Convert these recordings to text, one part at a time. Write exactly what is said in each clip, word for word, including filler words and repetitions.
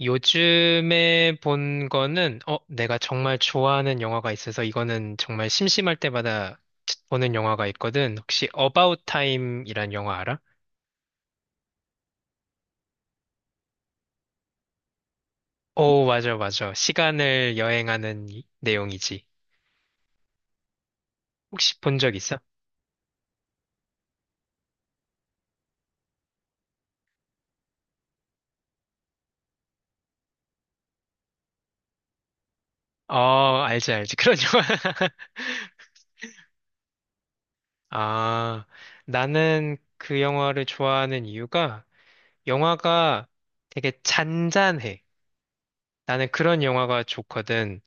요즘에 본 거는, 어, 내가 정말 좋아하는 영화가 있어서 이거는 정말 심심할 때마다 보는 영화가 있거든. 혹시 About Time이란 영화 알아? 오, 맞아, 맞아. 시간을 여행하는 이- 내용이지. 혹시 본 적 있어? 어, 알지, 알지. 그런 영화. 아, 나는 그 영화를 좋아하는 이유가 영화가 되게 잔잔해. 나는 그런 영화가 좋거든.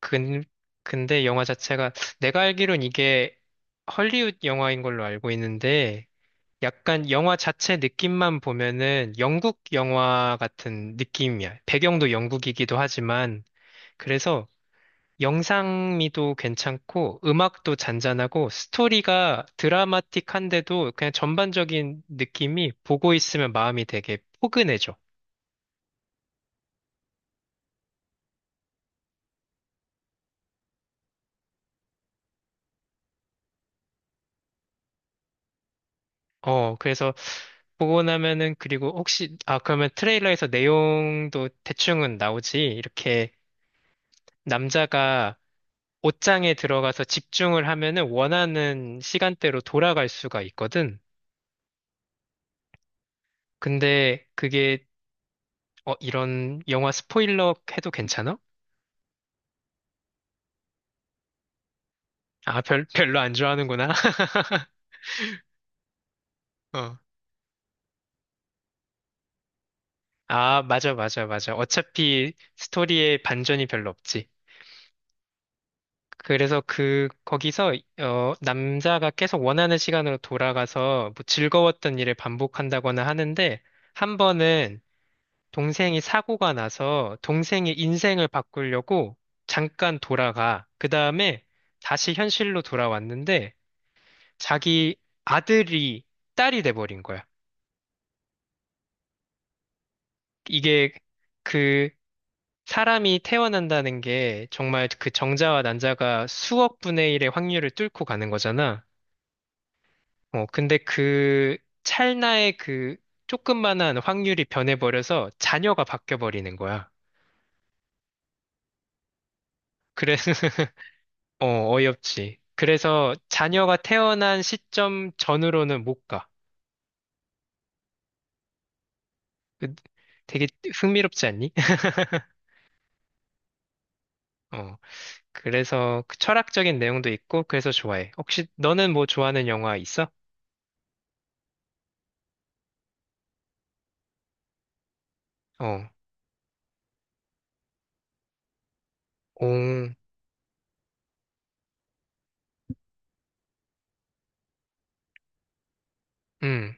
근, 근데 영화 자체가 내가 알기론 이게 헐리우드 영화인 걸로 알고 있는데 약간 영화 자체 느낌만 보면은 영국 영화 같은 느낌이야. 배경도 영국이기도 하지만 그래서 영상미도 괜찮고 음악도 잔잔하고 스토리가 드라마틱한데도 그냥 전반적인 느낌이 보고 있으면 마음이 되게 포근해져. 어, 그래서 보고 나면은 그리고 혹시 아 그러면 트레일러에서 내용도 대충은 나오지 이렇게 남자가 옷장에 들어가서 집중을 하면은 원하는 시간대로 돌아갈 수가 있거든. 근데 그게 어 이런 영화 스포일러 해도 괜찮아? 아 별, 별로 안 좋아하는구나. 어. 아 맞아 맞아 맞아. 어차피 스토리에 반전이 별로 없지. 그래서 그, 거기서, 어, 남자가 계속 원하는 시간으로 돌아가서 뭐 즐거웠던 일을 반복한다거나 하는데, 한 번은 동생이 사고가 나서 동생의 인생을 바꾸려고 잠깐 돌아가. 그 다음에 다시 현실로 돌아왔는데, 자기 아들이 딸이 돼버린 거야. 이게 그 사람이 태어난다는 게 정말 그 정자와 난자가 수억 분의 일의 확률을 뚫고 가는 거잖아. 어, 근데 그 찰나의 그 조금만한 확률이 변해버려서 자녀가 바뀌어버리는 거야. 그래서, 어, 어이없지. 그래서 자녀가 태어난 시점 전으로는 못 가. 그- 되게 흥미롭지 않니? 어, 그래서 그 철학적인 내용도 있고, 그래서 좋아해. 혹시 너는 뭐 좋아하는 영화 있어? 어, 오, 음,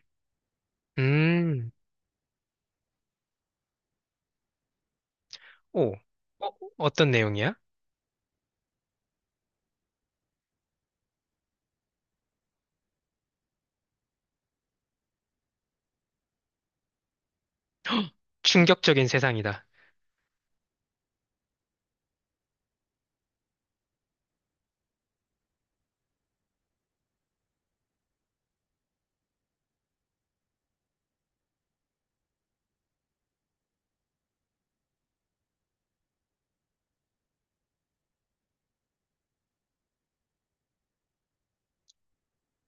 음, 오, 어, 어떤 내용이야? 충격적인 세상이다.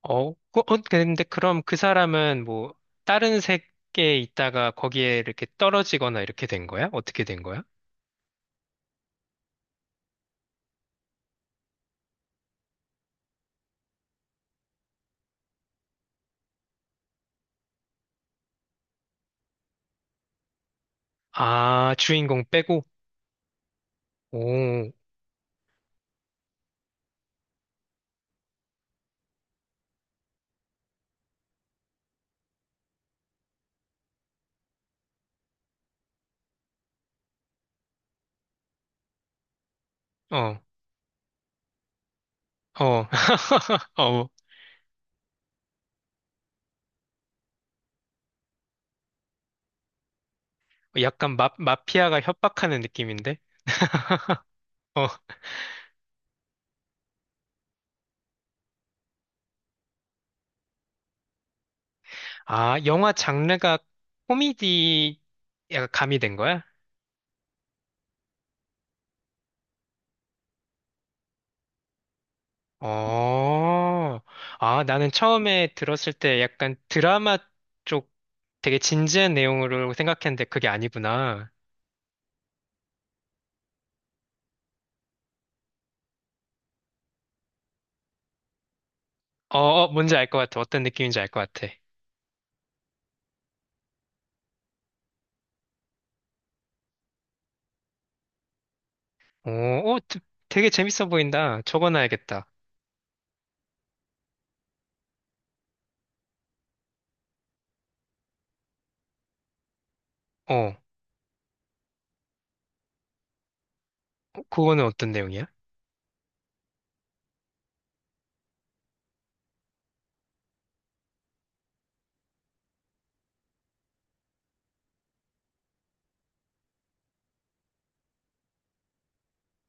어, 그- 어, 근데 그럼 그 사람은 뭐 다른 세계에 있다가 거기에 이렇게 떨어지거나 이렇게 된 거야? 어떻게 된 거야? 아, 주인공 빼고? 오, 어, 어, 어, 약간 마, 마피아가 협박하는 느낌인데? 어, 아, 영화 장르가 코미디 약간 가미된 거야? 어, 아, 나는 처음에 들었을 때 약간 드라마 쪽 되게 진지한 내용으로 생각했는데 그게 아니구나. 어, 어, 뭔지 알 것 같아. 어떤 느낌인지 알 것 같아. 어, 어, 드- 되게 재밌어 보인다. 적어놔야겠다. 어, 어, 그거는 어떤 내용이야?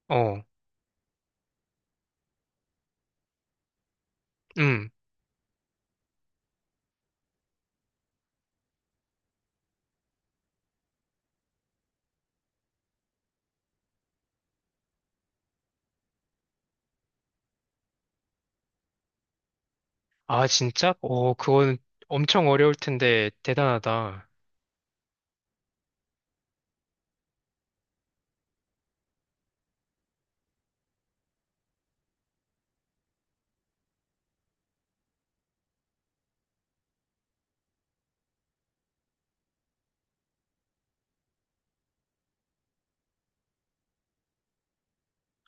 어, 음. 아, 진짜? 어, 그거는 엄청 어려울 텐데 대단하다.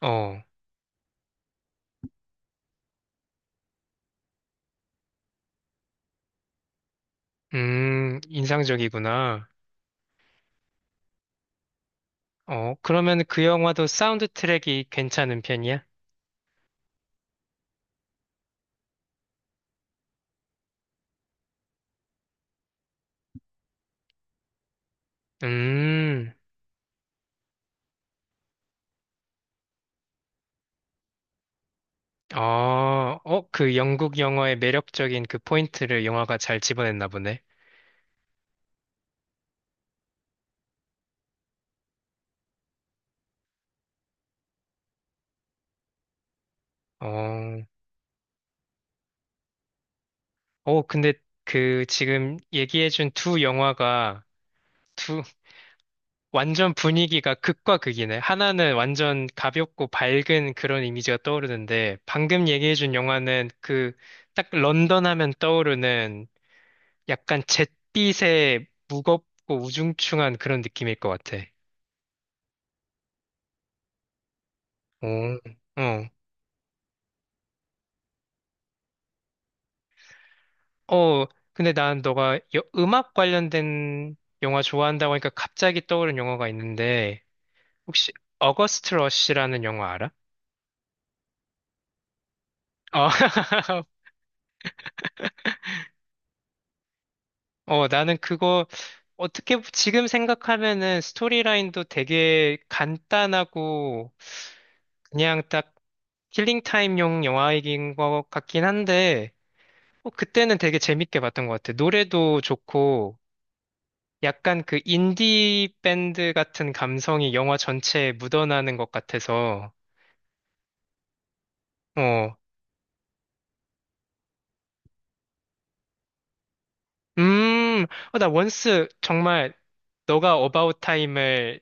어, 음, 인상적이구나. 어, 그러면 그 영화도 사운드 트랙이 괜찮은 편이야? 음. 아, 어, 그 영국 영화의 매력적인 그 포인트를 영화가 잘 집어냈나 보네. 어, 어, 근데 그 지금 얘기해준 두 영화가 두, 완전 분위기가 극과 극이네. 하나는 완전 가볍고 밝은 그런 이미지가 떠오르는데, 방금 얘기해준 영화는 그 딱 런던 하면 떠오르는 약간 잿빛의 무겁고 우중충한 그런 느낌일 것 같아. 오, 어. 어, 근데 난 너가 여- 음악 관련된 영화 좋아한다고 하니까 갑자기 떠오른 영화가 있는데, 혹시 어거스트 러시라는 영화 알아? 어, 어, 나는 그거 어떻게 보- 지금 생각하면은 스토리라인도 되게 간단하고 그냥 딱 킬링 타임용 영화이긴 것 같긴 한데, 어, 그때는 되게 재밌게 봤던 것 같아. 노래도 좋고, 약간 그 인디 밴드 같은 감성이 영화 전체에 묻어나는 것 같아서, 어, 음, 어, 나 원스 정말 너가 어바웃 타임을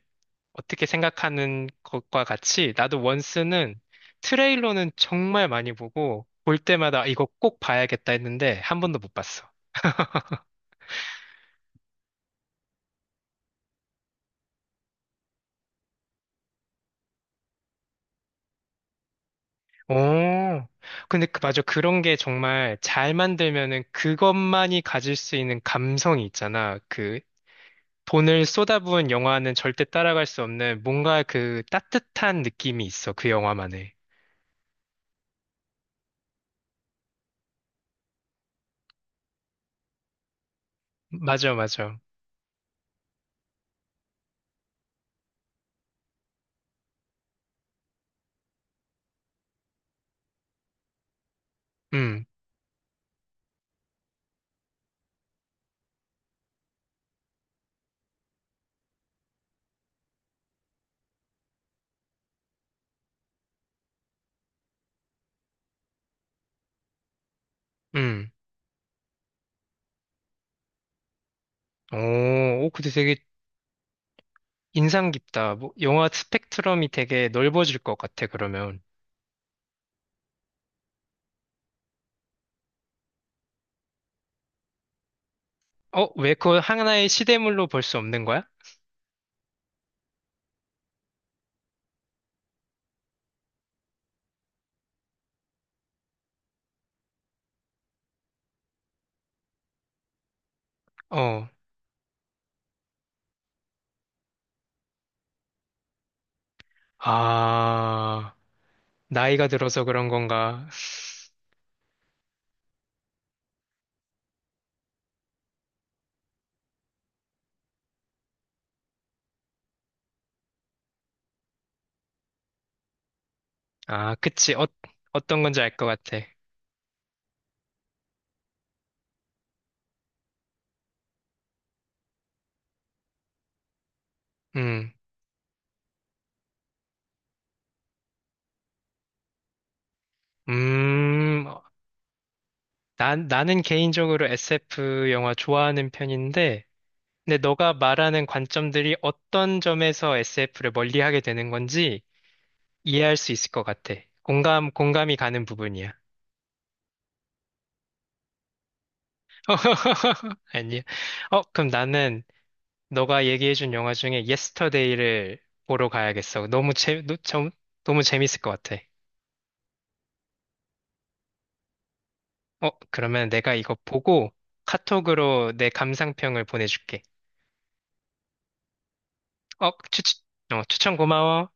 어떻게 생각하는 것과 같이 나도 원스는 트레일러는 정말 많이 보고 볼 때마다 아, 이거 꼭 봐야겠다 했는데 한 번도 못 봤어. 오, 근데 그, 맞아. 그런 게 정말 잘 만들면은 그것만이 가질 수 있는 감성이 있잖아. 그 돈을 쏟아부은 영화는 절대 따라갈 수 없는 뭔가 그 따뜻한 느낌이 있어, 그 영화만의. 맞아, 맞아. 음, 음. 오, 오, 근데 되게 인상 깊다. 뭐, 영화 스펙트럼이 되게 넓어질 것 같아, 그러면. 어, 왜 그걸 하나의 시대물로 볼 수 없는 거야? 어. 아, 나이가 들어서 그런 건가? 아, 그치. 어, 어떤 건지 알 것 같아. 음, 음, 난, 나는 개인적으로 에스에프 영화 좋아하는 편인데, 근데 너가 말하는 관점들이 어떤 점에서 에스에프를 멀리하게 되는 건지 이해할 수 있을 것 같아. 공감, 공감이 가는 부분이야. 아니야. 어, 그럼 나는 너가 얘기해준 영화 중에 예스터데이를 보러 가야겠어. 너무 재, 너, 참- 너무 재밌을 것 같아. 어, 그러면 내가 이거 보고 카톡으로 내 감상평을 보내줄게. 어, 추, 추- 어, 추천 고마워.